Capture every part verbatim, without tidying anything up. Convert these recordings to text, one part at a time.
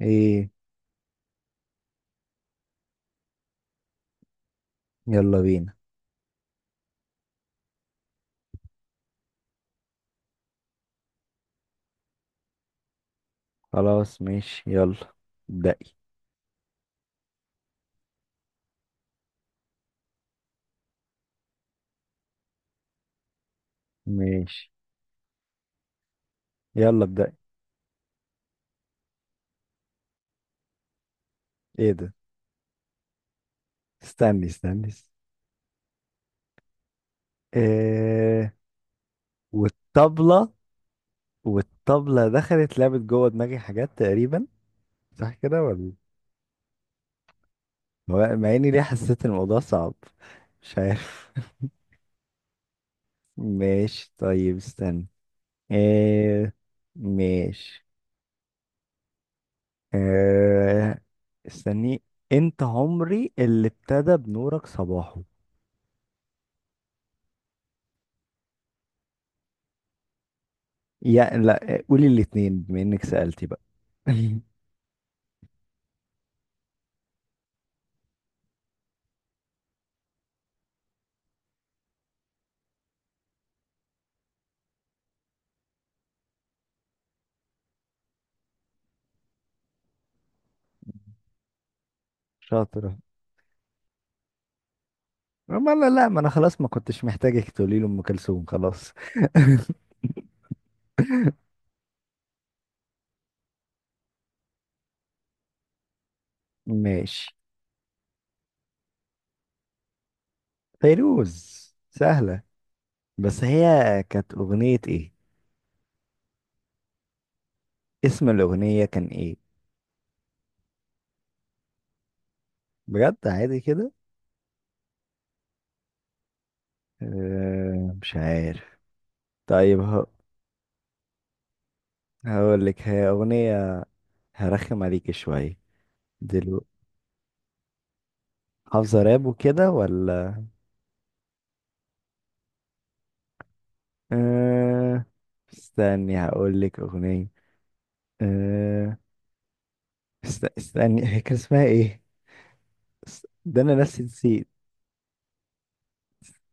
ايه. يلا بينا. خلاص ماشي يلا ابدأي. ماشي. يلا ابدأي. ايه ده؟ استني استني است- إيه. والطبلة والطبلة دخلت لعبت جوه دماغي حاجات تقريبا. صح كده ولا؟ هو- مع اني ليه حسيت الموضوع صعب. مش عارف. ماشي طيب استني. إيه. ماشي. إيه. استني. انت عمري اللي ابتدى بنورك صباحه. يا لا قولي الاتنين بما انك سألتي بقى. شاطرة. ما لا لا، ما انا خلاص ما كنتش محتاجك تقولي له ام كلثوم، خلاص. ماشي. فيروز. سهلة. بس هي كانت اغنية ايه؟ اسم الاغنية كان ايه؟ بجد عادي كده. أه مش عارف. طيب هو. هقول لك هي اغنية. هرخم عليك شوية دلوقتي. حافظة راب وكده ولا؟ أه. استني هقول لك اغنية. أه است- استني هي كان اسمها ايه؟ است- ده انا نفسي نسيت.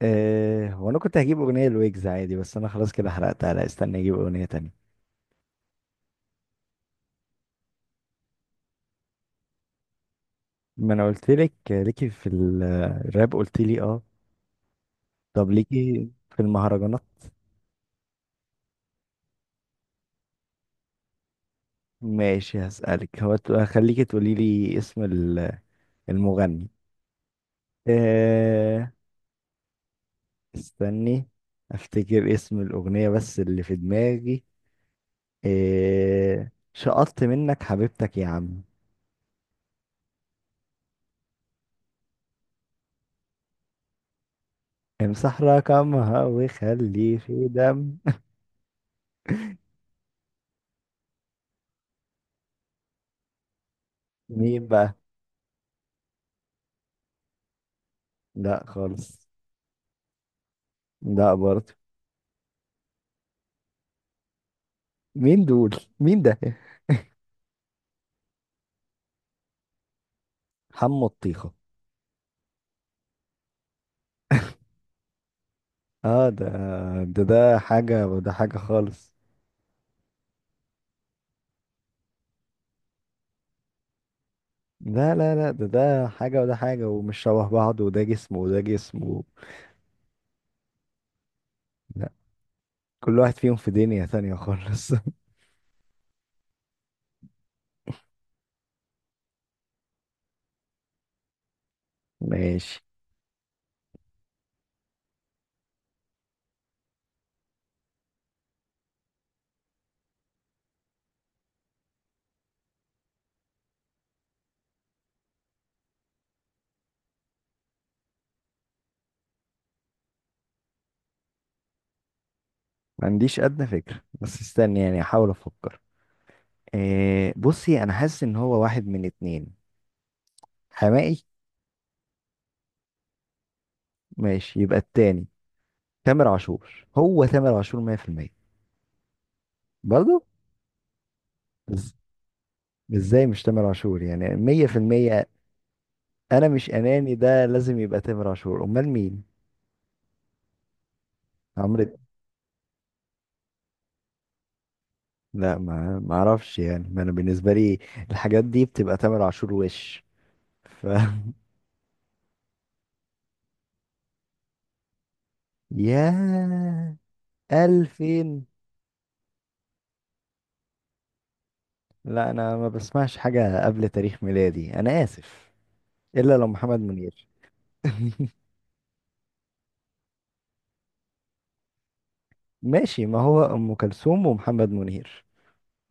آه هو انا كنت هجيب اغنيه لويجز عادي، بس انا خلاص كده حرقتها. لا استني اجيب اغنيه تانية. ما انا قلت لك ليكي في ال- الراب، قلت لي اه. طب ليكي في المهرجانات؟ ماشي هسألك. هو ت- هخليكي تقولي لي اسم ال- المغني. آه. استني افتكر اسم الاغنيه بس اللي في دماغي. آه شقطت منك حبيبتك يا عم، امسح رقمها وخلي في دم. مين بقى؟ لا خالص. لا برضه. مين دول؟ مين ده؟ حمو الطيخة. اه ده. ده ده حاجة وده حاجة خالص. لا لا لا، ده ده حاجة وده حاجة ومش شبه بعض وده جسم وده جسم و... لا. كل واحد فيهم في دنيا تانية خالص. ماشي. ما عنديش أدنى فكرة، بس استني يعني أحاول أفكر. إيه. بصي، أنا حاسس إن هو واحد من اتنين. حمائي. ماشي، يبقى التاني. تامر عاشور. هو تامر عاشور مئة في المئة. برضه. إز- ازاي مش تامر عاشور يعني مية في المية؟ انا مش اناني ده لازم يبقى تامر عاشور، امال مين؟ عمرو. لا، ما ما اعرفش يعني. ما انا بالنسبه لي الحاجات دي بتبقى تامر عاشور وش. ف يا. ألفين. لا انا ما بسمعش حاجه قبل تاريخ ميلادي، انا اسف. الا لو محمد منير. ماشي. ما هو ام كلثوم ومحمد منير،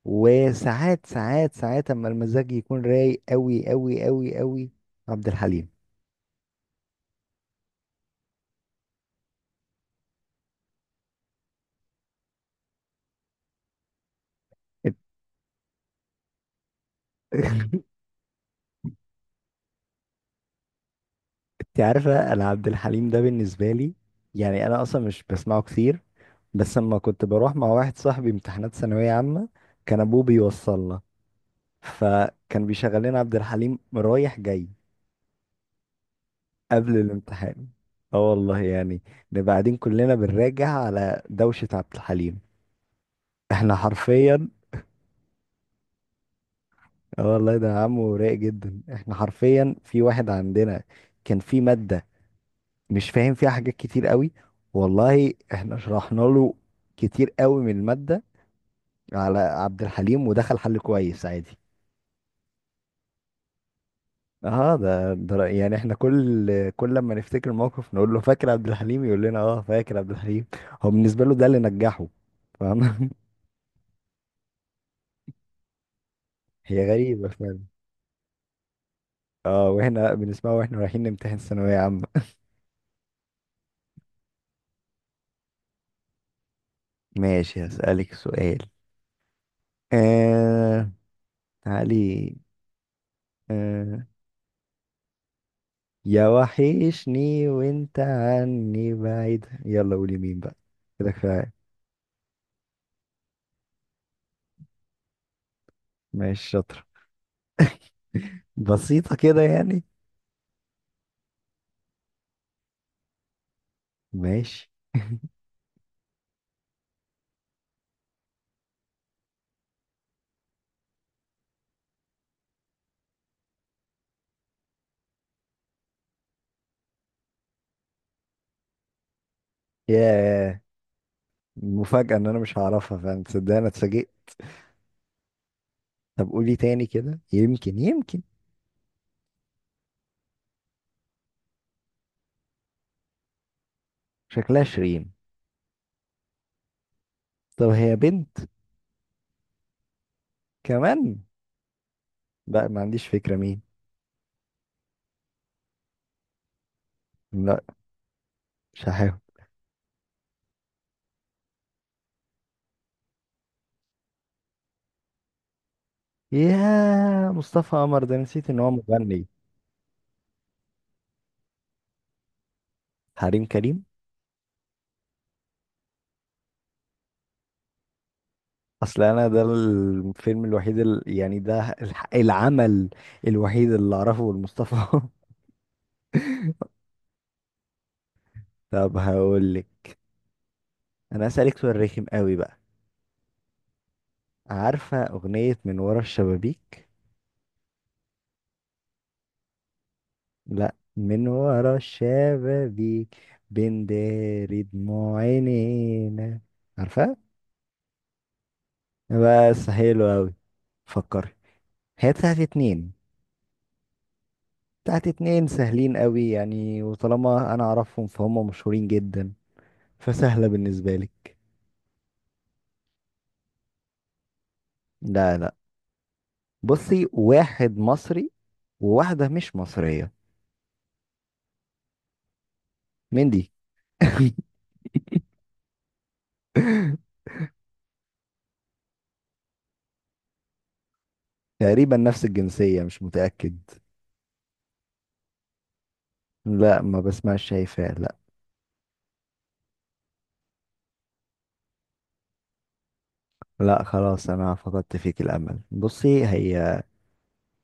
وساعات ساعات ساعات اما المزاج يكون رايق قوي قوي قوي قوي. عبد الحليم. انت. إنت عارفه، انا عبد الحليم ده بالنسبه لي يعني انا اصلا مش بسمعه كتير. بس اما كنت بروح مع واحد صاحبي امتحانات ثانويه عامه، كان ابوه بيوصلنا فكان بيشغل لنا عبد الحليم رايح جاي. قبل الامتحان. اه والله يعني نبقى قاعدين كلنا بنراجع على دوشه عبد الحليم. احنا حرفيا. اه والله، ده عمه رايق جدا. احنا حرفيا في واحد عندنا كان في مادة مش فاهم فيها حاجات كتير قوي، والله احنا شرحنا له كتير قوي من المادة على عبد الحليم ودخل حل كويس عادي. اه ده, ده رأي- يعني احنا كل كل لما نفتكر موقف نقول له فاكر عبد الحليم، يقول لنا اه فاكر عبد الحليم. هو بالنسبة له ده اللي نجحه. فاهم؟ هي غريبة فعلا. اه، واحنا بنسمعه واحنا رايحين نمتحن ثانوية عامة. ماشي هسألك سؤال. آه تعالي. آه يا وحشني وانت عني بعيد. يلا قولي مين بقى. كده كفاية. ماشي شاطر. بسيطة كده يعني. ماشي. يا مفاجأة ان انا مش هعرفها. فاهم؟ تصدق انا اتفاجئت. طب قولي تاني كده، يمكن يمكن. شكلها شيرين. طب هي بنت؟ كمان. لا ما عنديش فكرة مين. لا مش هحاول. يا مصطفى قمر، ده نسيت ان هو مغني. حريم كريم. اصل انا ده الفيلم الوحيد ال... يعني ده الح- العمل الوحيد اللي اعرفه لمصطفى. طب هقول لك. انا اسالك سؤال رخم قوي بقى. عارفه اغنيه من ورا الشبابيك؟ لا، من ورا الشبابيك بنداري دموع عينينا. عارفه؟ بس حلو قوي. فكري. هي بتاعت اتنين. بتاعت اتنين سهلين قوي يعني، وطالما انا اعرفهم فهم مشهورين جدا، فسهله بالنسبه لك. لا لا. بصي واحد مصري وواحدة مش مصرية. مين دي؟ تقريبا نفس الجنسية، مش متأكد. لا ما بسمعش. شايفة لا. لا خلاص، أنا فقدت فيك الأمل. بصي، هي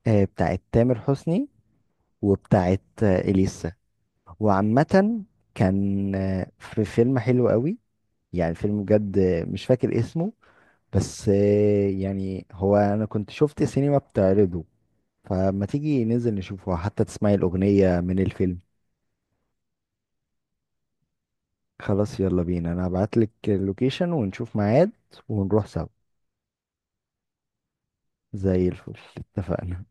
آه، بتاعت تامر حسني، وبتاعت آه، إليسا. وعامة كان آه، في فيلم حلو قوي، يعني فيلم بجد آه، مش فاكر اسمه. بس آه، يعني هو أنا كنت شفت سينما بتعرضه، فما تيجي ننزل نشوفه حتى تسمعي الأغنية من الفيلم. خلاص يلا بينا، انا هبعتلك اللوكيشن ونشوف ميعاد ونروح سوا. زي الفل. اتفقنا.